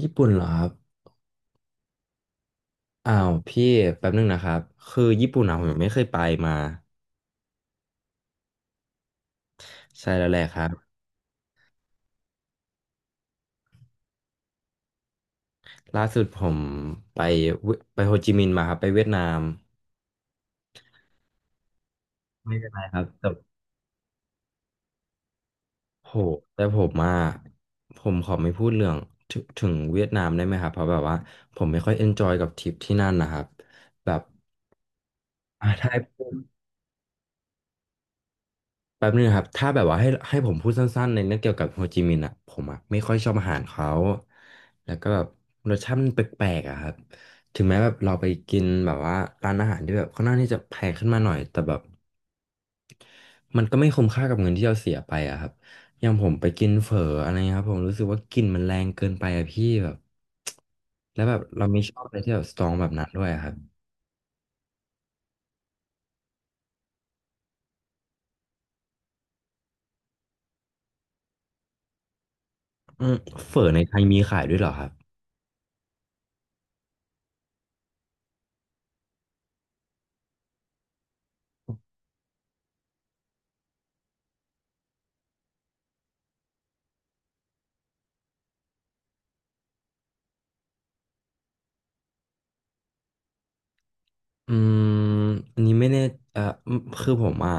ญี่ปุ่นเหรอครับอ้าวพี่แป๊บนึงนะครับคือญี่ปุ่นอะผมยังไม่เคยไปมาใช่แล้วแหละครับล่าสุดผมไปเวไปโฮจิมินห์มาครับไปเวียดนามไม่เป็นไรครับแต่โหแต่ผมอ่ะผมขอไม่พูดเรื่องถึงเวียดนามได้ไหมครับเพราะแบบว่าผมไม่ค่อยเอนจอยกับทริปที่นั่นนะครับแบบอ่ะถ้าให้พูด แป๊บนึงครับถ้าแบบว่าให้ผมพูดสั้นๆในเรื่องเกี่ยวกับโฮจิมินห์อ่ะผมอ่ะไม่ค่อยชอบอาหารเขาแล้วก็แบบรสชาติมันแปลกๆอ่ะครับถึงแม้แบบเราไปกินแบบว่าร้านอาหารที่แบบค่อนข้างที่จะแพงขึ้นมาหน่อยแต่แบบมันก็ไม่คุ้มค่ากับเงินที่เราเสียไปอ่ะครับอย่างผมไปกินเฝออะไรเงี้ยครับผมรู้สึกว่ากลิ่นมันแรงเกินไปอ่ะพี่แบบแล้วแบบเราไม่ชอบอะไรที่แบบสตรองแบบนั้นด้วยอะครับอืมเฝอในไทยมีขายด้วยเหรอครับอืมอันนี้ไม่แน่เอ่อคือผมอ่ะ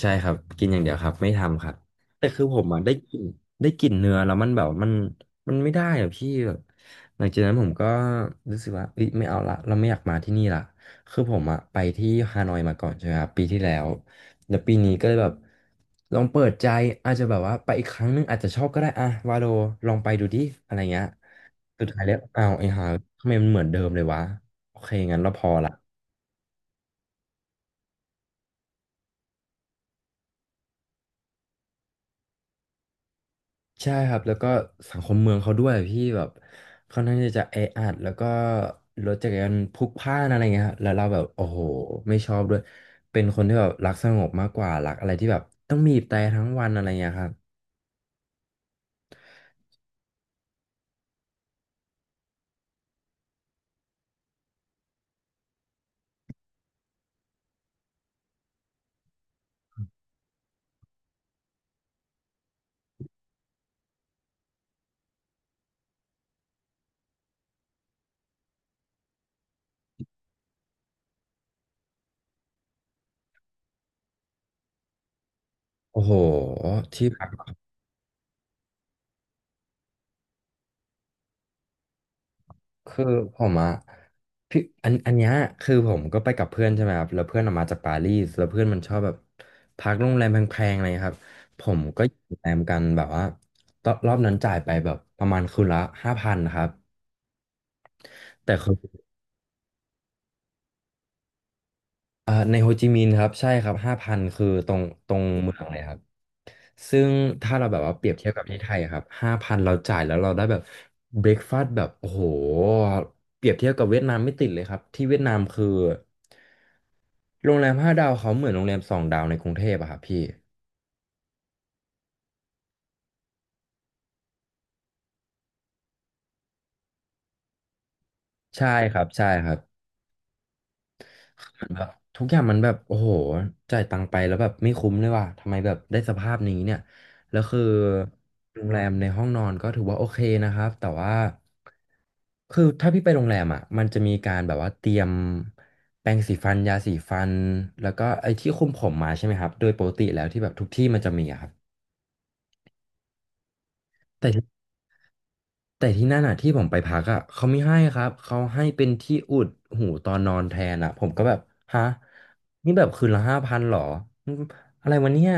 ใช่ครับกินอย่างเดียวครับไม่ทำครับแต่คือผมอ่ะได้กลินเนื้อแล้วมันแบบมันไม่ได้อ่ะพี่แบบหลังจากนั้นผมก็รู้สึกว่าเอ้ยไม่เอาละเราไม่อยากมาที่นี่ละคือผมอ่ะไปที่ฮานอยมาก่อนใช่ไหมครับปีที่แล้วแล้วปีนี้ก็เลยแบบลองเปิดใจอาจจะแบบว่าไปอีกครั้งหนึงอาจจะชอบก็ได้อะวาโลลองไปดูดิอะไรเงี้ยสุดท้ายแล้วอ้าวไอ้ห่าทำไมมันเหมือนเดิมเลยวะโอเคงั้นเราพอละ ใช่ครับแล้วก็สังคมเมืองเขาด้วยพี่แบบค่อนข้างที่จะแออัดแล้วก็รถจักรยานพลุกพล่านอะไรเงี้ยครับแล้วเราแบบโอ้โหไม่ชอบด้วยเป็นคนที่แบบรักสงบมากกว่ารักอะไรที่แบบต้องบีบแตรทั้งวันอะไรเงี้ยครับโอ้โหที่พักคือผมอะพี่อันเนี้ยคือผมก็ไปกับเพื่อนใช่ไหมครับแล้วเพื่อนออกมาจากปารีสแล้วเพื่อนมันชอบแบบพักโรงแรมแพงๆอะไรครับผมก็อยู่โรงแรมกันแบบว่าตอนรอบนั้นจ่ายไปแบบประมาณคืนละห้าพันครับ แต่คืออ่าในโฮจิมินห์ครับใช่ครับห้าพันคือตรงเมืองเลยครับซึ่งถ้าเราแบบว่าเปรียบเทียบกับที่ไทยอะครับห้าพันเราจ่ายแล้วเราได้แบบเบร a ฟาส s t แบบโอ้โหเปรียบเทียบกับเวียดนามไม่ติดเลยครับที่เวียดนามคือโรงแรม5 ดาวเขาเหมือนโรงแรม2 ดาวในกรุงเทพอะครับพี่ใช่ครับใช่ครับ แบบทุกอย่างมันแบบโอ้โหจ่ายตังค์ไปแล้วแบบไม่คุ้มเลยว่ะทำไมแบบได้สภาพนี้เนี่ยแล้วคือโรงแรมในห้องนอนก็ถือว่าโอเคนะครับแต่ว่าคือถ้าพี่ไปโรงแรมอ่ะมันจะมีการแบบว่าเตรียมแปรงสีฟันยาสีฟันแล้วก็ไอ้ที่คุมผมมาใช่ไหมครับโดยปกติแล้วที่แบบทุกที่มันจะมีอะครับ แต่ที่นั่นอ่ะที่ผมไปพักอ่ะเขาไม่ให้ครับเขาให้เป็นที่อุดหูตอนนอนแทนอ่ะผมก็แบบฮะนี่แบบคืนละห้าพันหรออืมอะไรวะเนี่ย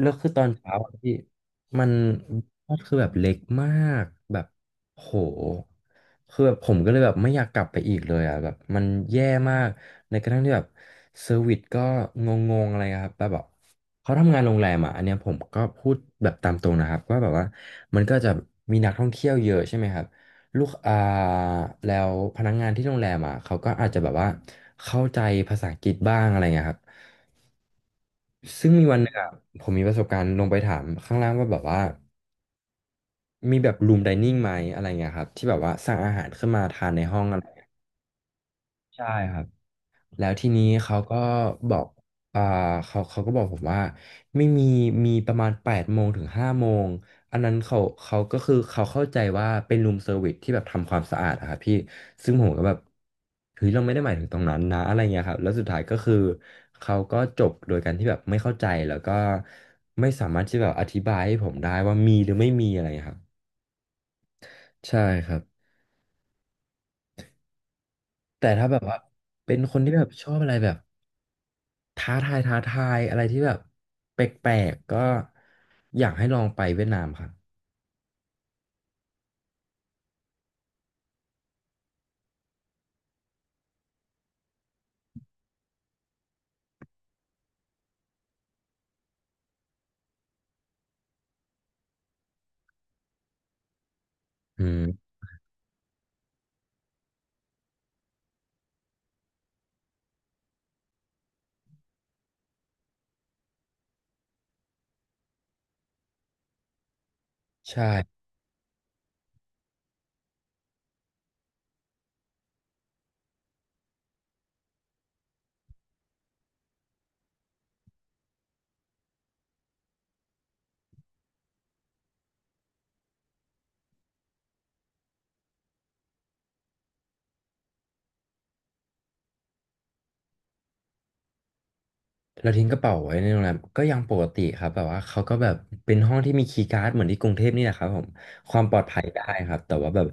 แล้วคือตอนเช้าอะพี่มันก็คือแบบเล็กมากแบบโหคือแบบผมก็เลยแบบไม่อยากกลับไปอีกเลยอ่ะแบบมันแย่มากในกระทั่งที่แบบเซอร์วิสก็งงๆอะไรครับแบบแบบเขาทำงานโรงแรมอ่ะอันเนี้ยผมก็พูดแบบตามตรงนะครับว่าแบบว่ามันก็จะมีนักท่องเที่ยวเยอะใช่ไหมครับลูกแล้วพนักงานที่โรงแรมอ่ะเขาก็อาจจะแบบว่าเข้าใจภาษาอังกฤษบ้างอะไรเงี้ยครับ ซึ่งมีวันหนึงอัะผมมีประสบการณ์ลงไปถามข้างล่างว่าแบบว่ามีแบบรูมไดนิ่งไหมอะไรเงี้ยครับที่แบบว่าสั่งอาหารขึ้นมาทานในห้องอะไรใช่ครับ แล้วทีนี้เขาก็บอกอ่าเขาก็บอกผมว่าไม่มีมีประมาณแปดโมงถึงห้าโมง อันนั้นเขาก็คือเขาเข้าใจว่าเป็นรูมเซอร์วิสที่แบบทำความสะอาดอะครับพี่ซึ่งผมก็แบบเฮ้ยเราไม่ได้หมายถึงตรงนั้นนะอะไรเงี้ยครับแล้วสุดท้ายก็คือเขาก็จบโดยการที่แบบไม่เข้าใจแล้วก็ไม่สามารถที่แบบอธิบายให้ผมได้ว่ามีหรือไม่มีอะไรครับใช่ครับ แต่ถ้าแบบว่าเป็นคนที่แบบชอบอะไรแบบ ท้าทายอะไรที่แบบแปลกๆก็อยากให้ลองไปเวียดนามครับอืมใช่เราทิ้งกระเป๋าไว้ในโรงแรมก็ยังปกติครับแบบว่าเขาก็แบบเป็นห้องที่มีคีย์การ์ดเหมือนที่กรุงเทพนี่แหละครับผมความปลอดภัยได้ครับแต่ว่าแบบ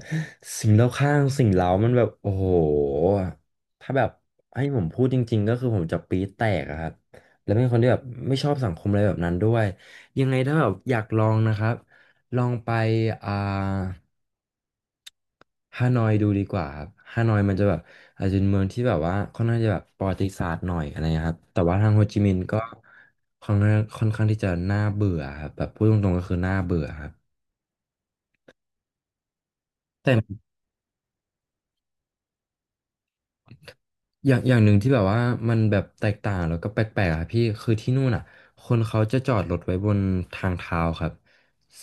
สิ่งรอบข้างสิ่งเร้ามันแบบโอ้โหถ้าแบบให้ผมพูดจริงๆก็คือผมจะปี๊ดแตกอะครับแล้วเป็นคนที่แบบไม่ชอบสังคมอะไรแบบนั้นด้วยยังไงถ้าแบบอยากลองนะครับลองไปอ่า ฮานอยดูดีกว่าครับฮานอยมันจะแบบอาจจะเป็นเมืองที่แบบว่าค่อนข้างจะแบบประวัติศาสตร์หน่อยอะไรนะครับแต่ว่าทางโฮจิมินห์ก็ค่อนข้างที่จะน่าเบื่อครับแบบพูดตรงๆก็คือน่าเบื่อครับ อย่างหนึ่งที่แบบว่ามันแบบแตกต่างแล้วก็แปลกๆอะพี่คือที่นู่นอ่ะคนเขาจะจอดรถไว้บนทางเท้าครับ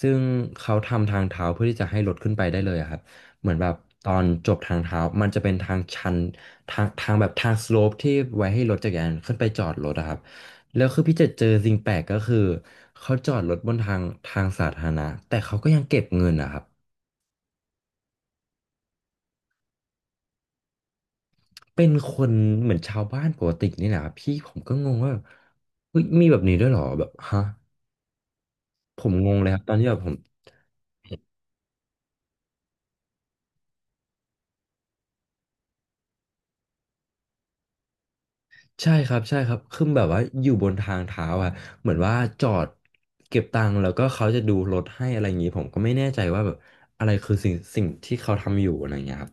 ซึ่งเขาทำทางเท้าเพื่อที่จะให้รถขึ้นไปได้เลยอะครับเหมือนแบบตอนจบทางเท้ามันจะเป็นทางชันทางแบบทางสโลปที่ไว้ให้รถจักรยานขึ้นไปจอดรถอะครับแล้วคือพี่จะเจอสิ่งแปลกก็คือเขาจอดรถบนทางสาธารณะแต่เขาก็ยังเก็บเงินนะครับ เป็นคนเหมือนชาวบ้านปกตินี่แหละครับพี่ผมก็งงว่าแบบเฮ้ยมีแบบนี้ด้วยเหรอแบบฮะผมงงเลยครับตอนที่แบบผมใช่ครับใช่ครับคือแบบว่าอยู่บนทางเท้าอะเหมือนว่าจอดเก็บตังค์แล้วก็เขาจะดูรถให้อะไรอย่างนี้ผมก็ไม่แน่ใจว่าแบบอะไรคือสิ่งที่เขาทำอยู่อะไรอย่างเงี้ยครับ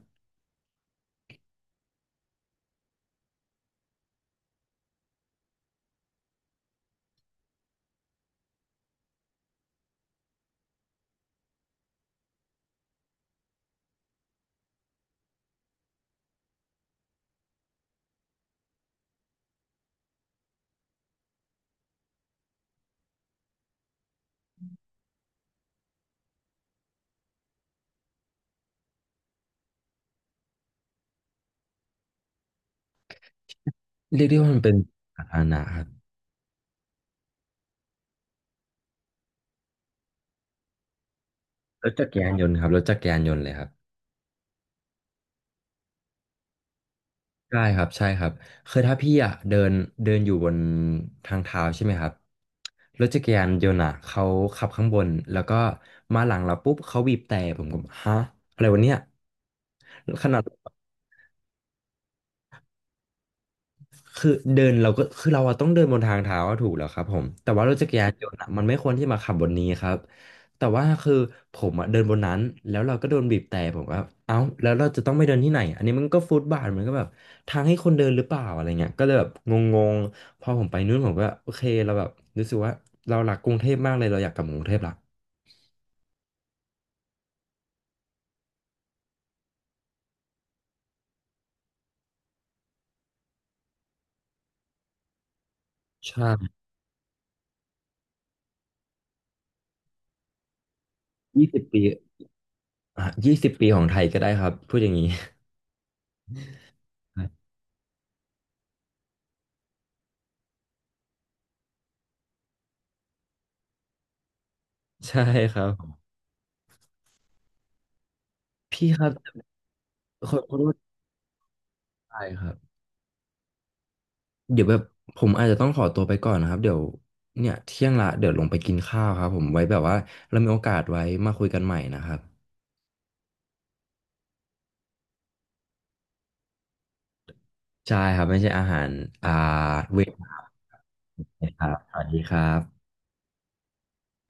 เรียกได้ว่ามันเป็นสาธารณะครับรถจักรยานยนต์ครับรถจักรยานยนต์เลยครับ ใช่ครับใช่ครับคือถ้าพี่อ่ะเดินเดินอยู่บนทางเท้าใช่ไหมครับรถจักรยานยนต์อ่ะเขาขับข้างบนแล้วก็มาหลังเราปุ๊บเขาบีบแตร่ผมก็ฮะอะไรวะเนี่ยขนาด คือเดินเราก็คือเราอะต้องเดินบนทางเท้าอะถูกแล้วครับผมแต่ว่ารถจักรยานยนต์อะมันไม่ควรที่มาขับบนนี้ครับแต่ว่าคือผมอะเดินบนนั้นแล้วเราก็โดนบีบแตะผมก็เอ้าแล้วเราจะต้องไปเดินที่ไหนอันนี้มันก็ฟุตบาทมันก็แบบทางให้คนเดินหรือเปล่าอะไรเงี้ยก็เลยแบบงงๆพอผมไปนู่นผมก็โอเคเราแบบรู้สึกว่าเรารักกรุงเทพมากเลยเราอยากกลับกรุงเทพละใช่ยี่สิบปีอ่ะยี่สิบปีของไทยก็ได้ครับพูดอย่างนี้ใช่ ครับพี่ครับขอโทษทายครับ เดี๋ยวแบบผมอาจจะต้องขอตัวไปก่อนนะครับเดี๋ยวเนี่ยเที่ยงละเดี๋ยวลงไปกินข้าวครับผมไว้แบบว่าเรามีโอกาสไว้มาคุยกันใหม่นะครับใช่ครับไม่ใช่อาหารอ่าเวทนะครับสวัสดีครับ